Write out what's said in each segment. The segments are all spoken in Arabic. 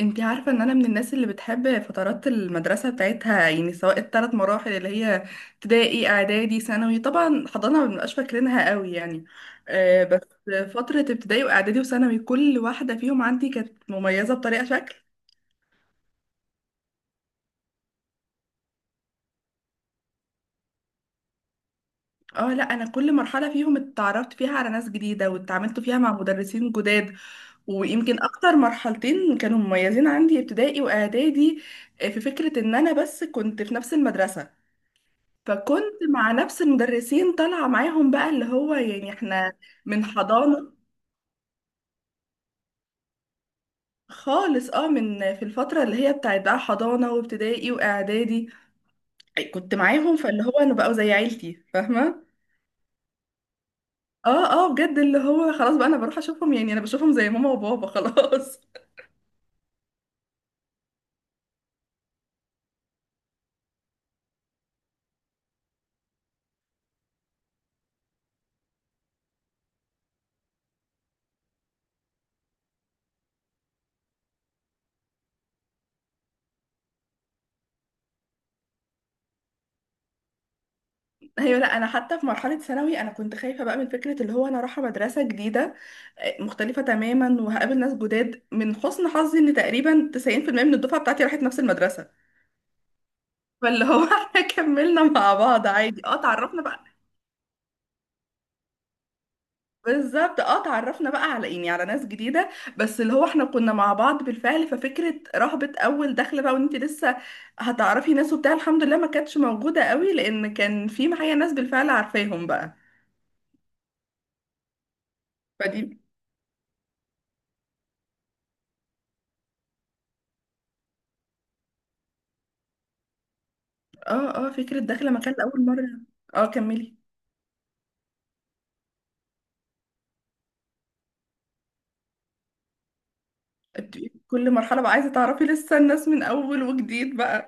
انتي عارفة ان انا من الناس اللي بتحب فترات المدرسة بتاعتها، يعني سواء الثلاث مراحل اللي هي ابتدائي، اعدادي، ثانوي. طبعا حضانة ما بنبقاش فاكرينها قوي يعني. بس فترة ابتدائي واعدادي وثانوي، كل واحدة فيهم عندي كانت مميزة بطريقة شكل. اه لا، انا كل مرحلة فيهم اتعرفت فيها على ناس جديدة واتعاملت فيها مع مدرسين جداد. ويمكن اكتر مرحلتين كانوا مميزين عندي ابتدائي واعدادي. في فكرة ان انا بس كنت في نفس المدرسة، فكنت مع نفس المدرسين طالعة معاهم بقى، اللي هو يعني احنا من حضانة خالص. اه من في الفترة اللي هي بتاعت بقى حضانة وابتدائي واعدادي كنت معاهم، فاللي هو انا بقوا زي عيلتي، فاهمة. اه اه، بجد، اللي هو خلاص بقى انا بروح اشوفهم، يعني انا بشوفهم زي ماما وبابا خلاص. ايوه لا، انا حتى في مرحلة ثانوي انا كنت خايفة بقى من فكرة اللي هو انا رايحة مدرسة جديدة مختلفة تماما وهقابل ناس جداد. من حسن حظي ان تقريبا 90% من الدفعة بتاعتي راحت نفس المدرسة. فاللي هو احنا كملنا مع بعض عادي، اتعرفنا بقى. بالظبط، اتعرفنا بقى على، يعني على ناس جديدة. بس اللي هو احنا كنا مع بعض بالفعل، ففكرة رهبة اول دخلة بقى وانت لسه هتعرفي ناس وبتاع، الحمد لله ما كانتش موجودة قوي، لان كان في معايا ناس بالفعل عارفاهم بقى، فدي. اه اه، فكرة داخلة مكان لأول مرة. اه، كملي. بتبقي كل مرحلة بقى عايزة تعرفي لسه الناس من اول وجديد بقى.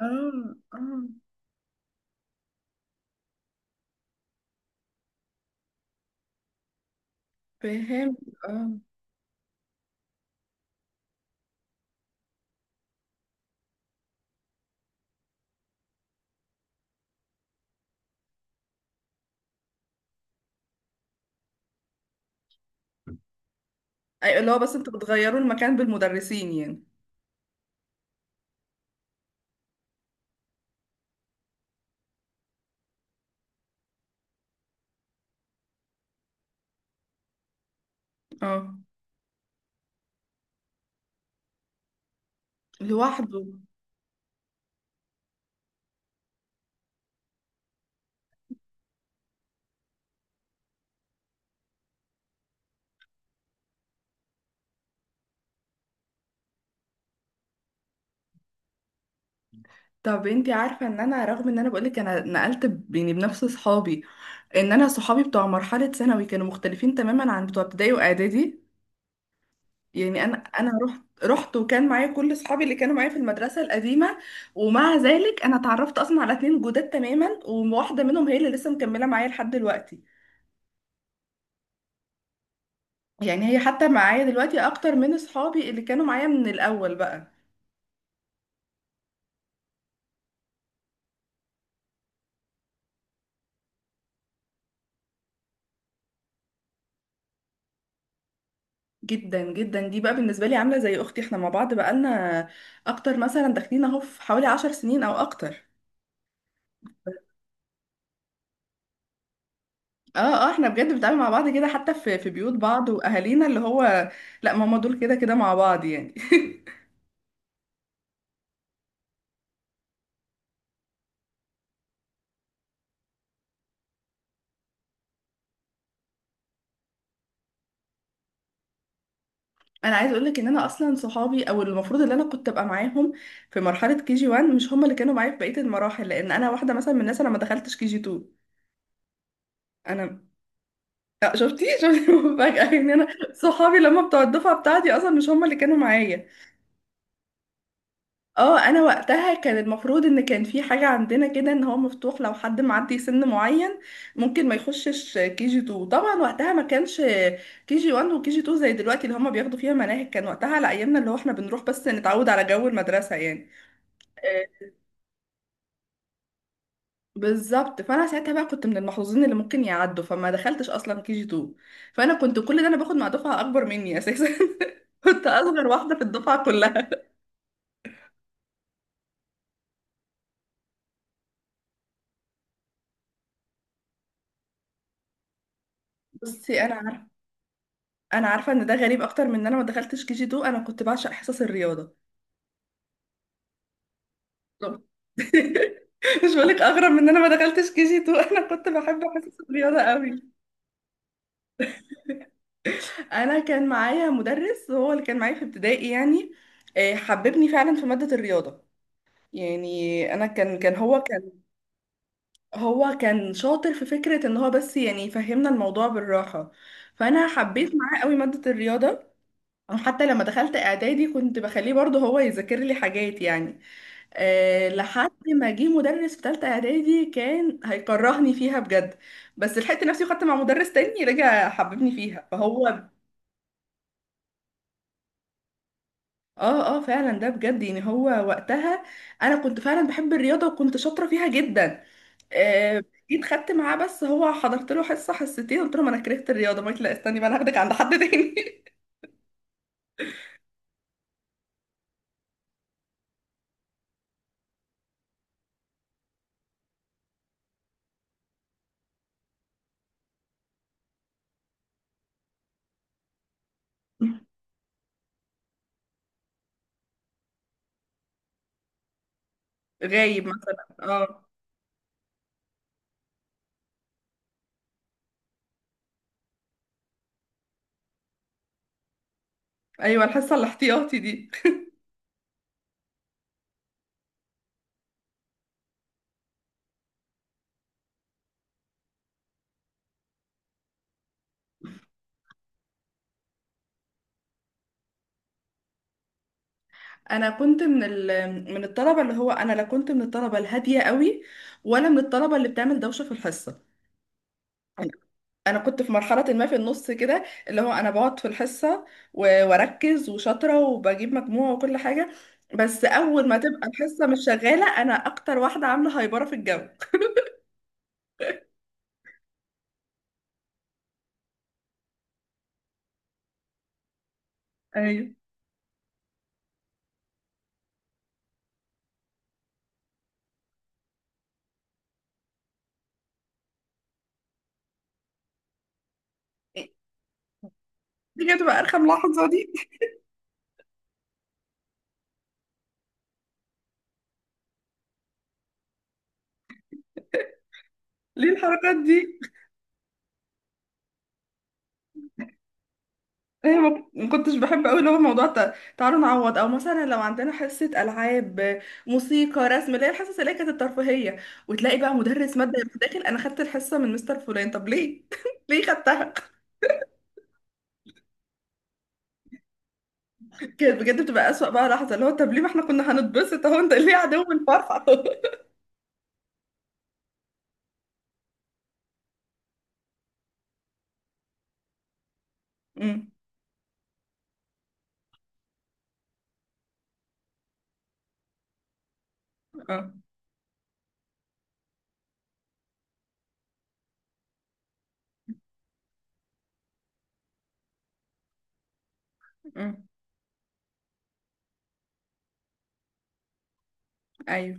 اه اه، فهمت. اه. ايوه. اللي هو بس انتوا بتغيروا المكان بالمدرسين يعني. اه، لوحده. طب انتي عارفة ان انا، رغم ان انا بقولك انا نقلت يعني بنفس صحابي، ان انا صحابي بتوع مرحلة ثانوي كانوا مختلفين تماما عن بتوع ابتدائي واعدادي. يعني انا رحت وكان معايا كل صحابي اللي كانوا معايا في المدرسة القديمة، ومع ذلك انا اتعرفت اصلا على اتنين جداد تماما، وواحدة منهم هي اللي لسه مكملة معايا لحد دلوقتي. يعني هي حتى معايا دلوقتي اكتر من صحابي اللي كانوا معايا من الاول بقى. جدا جدا، دي بقى بالنسبه لي عامله زي اختي. احنا مع بعض بقالنا اكتر مثلا، داخلين اهو في حوالي 10 سنين او اكتر. اه اه، احنا بجد بنتعامل مع بعض كده، حتى في بيوت بعض واهالينا، اللي هو لا ماما دول كده كده مع بعض يعني. انا عايز اقول لك ان انا اصلا صحابي، او المفروض اللي انا كنت ابقى معاهم في مرحله كي جي 1، مش هم اللي كانوا معايا في بقيه المراحل، لان انا واحده مثلا من الناس انا ما دخلتش كي جي 2. انا شفتي شفتي، مفاجاه ان انا صحابي لما بتوع الدفعه بتاعتي اصلا مش هم اللي كانوا معايا. اه، انا وقتها كان المفروض ان كان في حاجة عندنا كده، ان هو مفتوح لو حد معدي سن معين ممكن ما يخشش كي جي 2. طبعا وقتها ما كانش كي جي 1 وكي جي 2 زي دلوقتي اللي هما بياخدوا فيها مناهج، كان وقتها على ايامنا اللي هو احنا بنروح بس نتعود على جو المدرسة يعني. آه، بالظبط. فانا ساعتها بقى كنت من المحظوظين اللي ممكن يعدوا، فما دخلتش اصلا كي جي 2. فانا كنت كل ده انا باخد مع دفعة اكبر مني اساسا. كنت اصغر واحدة في الدفعة كلها. بصي، انا عارفه ان ده غريب اكتر من ان انا ما دخلتش كي جي 2. انا كنت بعشق حصص الرياضه. طب. مش بقولك اغرب من ان انا ما دخلتش كي جي 2؟ انا كنت بحب حصص الرياضه قوي. انا كان معايا مدرس هو اللي كان معايا في ابتدائي، يعني حببني فعلا في ماده الرياضه. يعني انا كان هو كان شاطر في فكره ان هو بس يعني يفهمنا الموضوع بالراحه. فانا حبيت معاه قوي ماده الرياضه. وحتى لما دخلت اعدادي كنت بخليه برضه هو يذاكر لي حاجات، يعني لحد ما جه مدرس في تالتة اعدادي كان هيكرهني فيها بجد. بس لحقت نفسي وخدت مع مدرس تاني رجع حببني فيها، فهو اه اه، فعلا، ده بجد، يعني هو وقتها انا كنت فعلا بحب الرياضة وكنت شاطرة فيها جدا. آه، جيت خدت معاه، بس هو حضرت له حصة حصتين قلت له: ما انا كرهت الرياضة، ما لا استني بقى، انا هاخدك عند حد تاني. غايب مثلا. اه ايوه، الحصة الاحتياطي دي. انا كنت من الطلبه، اللي هو انا لا كنت من الطلبه الهاديه قوي ولا من الطلبه اللي بتعمل دوشه في الحصه. انا كنت في مرحله ما في النص كده، اللي هو انا بقعد في الحصه واركز وشاطره وبجيب مجموعه وكل حاجه. بس اول ما تبقى الحصه مش شغاله انا اكتر واحده عامله هايبره في الجو. ايوه، دي كانت بتبقى ارخم لحظه دي. ليه الحركات دي؟ ايه، ما كنتش بحب قوي اللي هو موضوع تعالوا نعوض، او مثلا لو عندنا حصه العاب، موسيقى، رسم، اللي هي الحصص اللي هي كانت الترفيهيه، وتلاقي بقى مدرس ماده يروح داخل: انا خدت الحصه من مستر فلان. طب ليه؟ ليه خدتها؟ كانت بجد بتبقى اسوأ بقى لحظه، اللي هو طب ليه؟ ما احنا كنا هنتبسط اهو، انت ليه عدو الفرحه؟ امم. اه. امم. ايوه.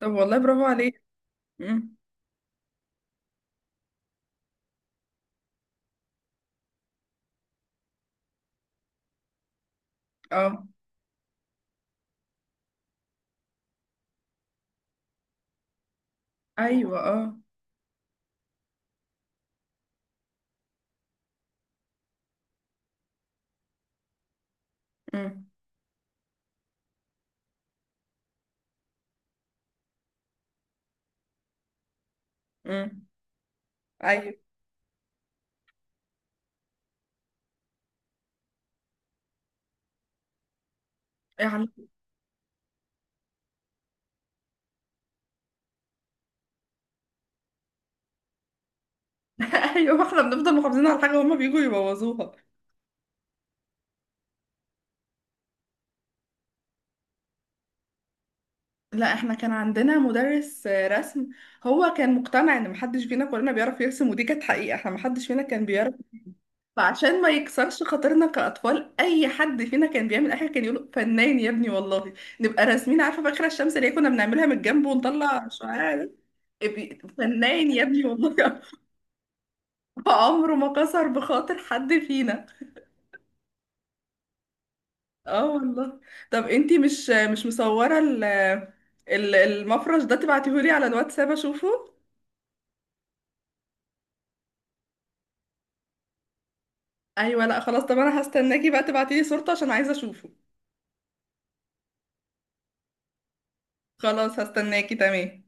طب والله برافو عليك. امم. اه. ايوه. اه. امم. امم. ايوه. يعني- ايوه، احنا بنفضل محافظين على حاجه وهما بيجوا يبوظوها. لا، احنا كان عندنا مدرس رسم، هو كان مقتنع ان محدش فينا كلنا بيعرف يرسم، ودي كانت حقيقة، احنا محدش فينا كان بيعرف. فعشان ما يكسرش خاطرنا كأطفال، اي حد فينا كان بيعمل اي حاجة كان يقول: فنان يا ابني والله. نبقى راسمين، عارفة، فاكرة الشمس اللي هي كنا بنعملها من الجنب ونطلع شعاع ده؟ فنان يا ابني والله. فعمره ما كسر بخاطر حد فينا. اه والله. طب انتي مش مصورة المفرش ده؟ تبعتيهولي على الواتساب اشوفه. ايوه لا خلاص. طب انا هستناكي بقى تبعتيلي صورته عشان عايزه اشوفه. خلاص هستناكي. تمام.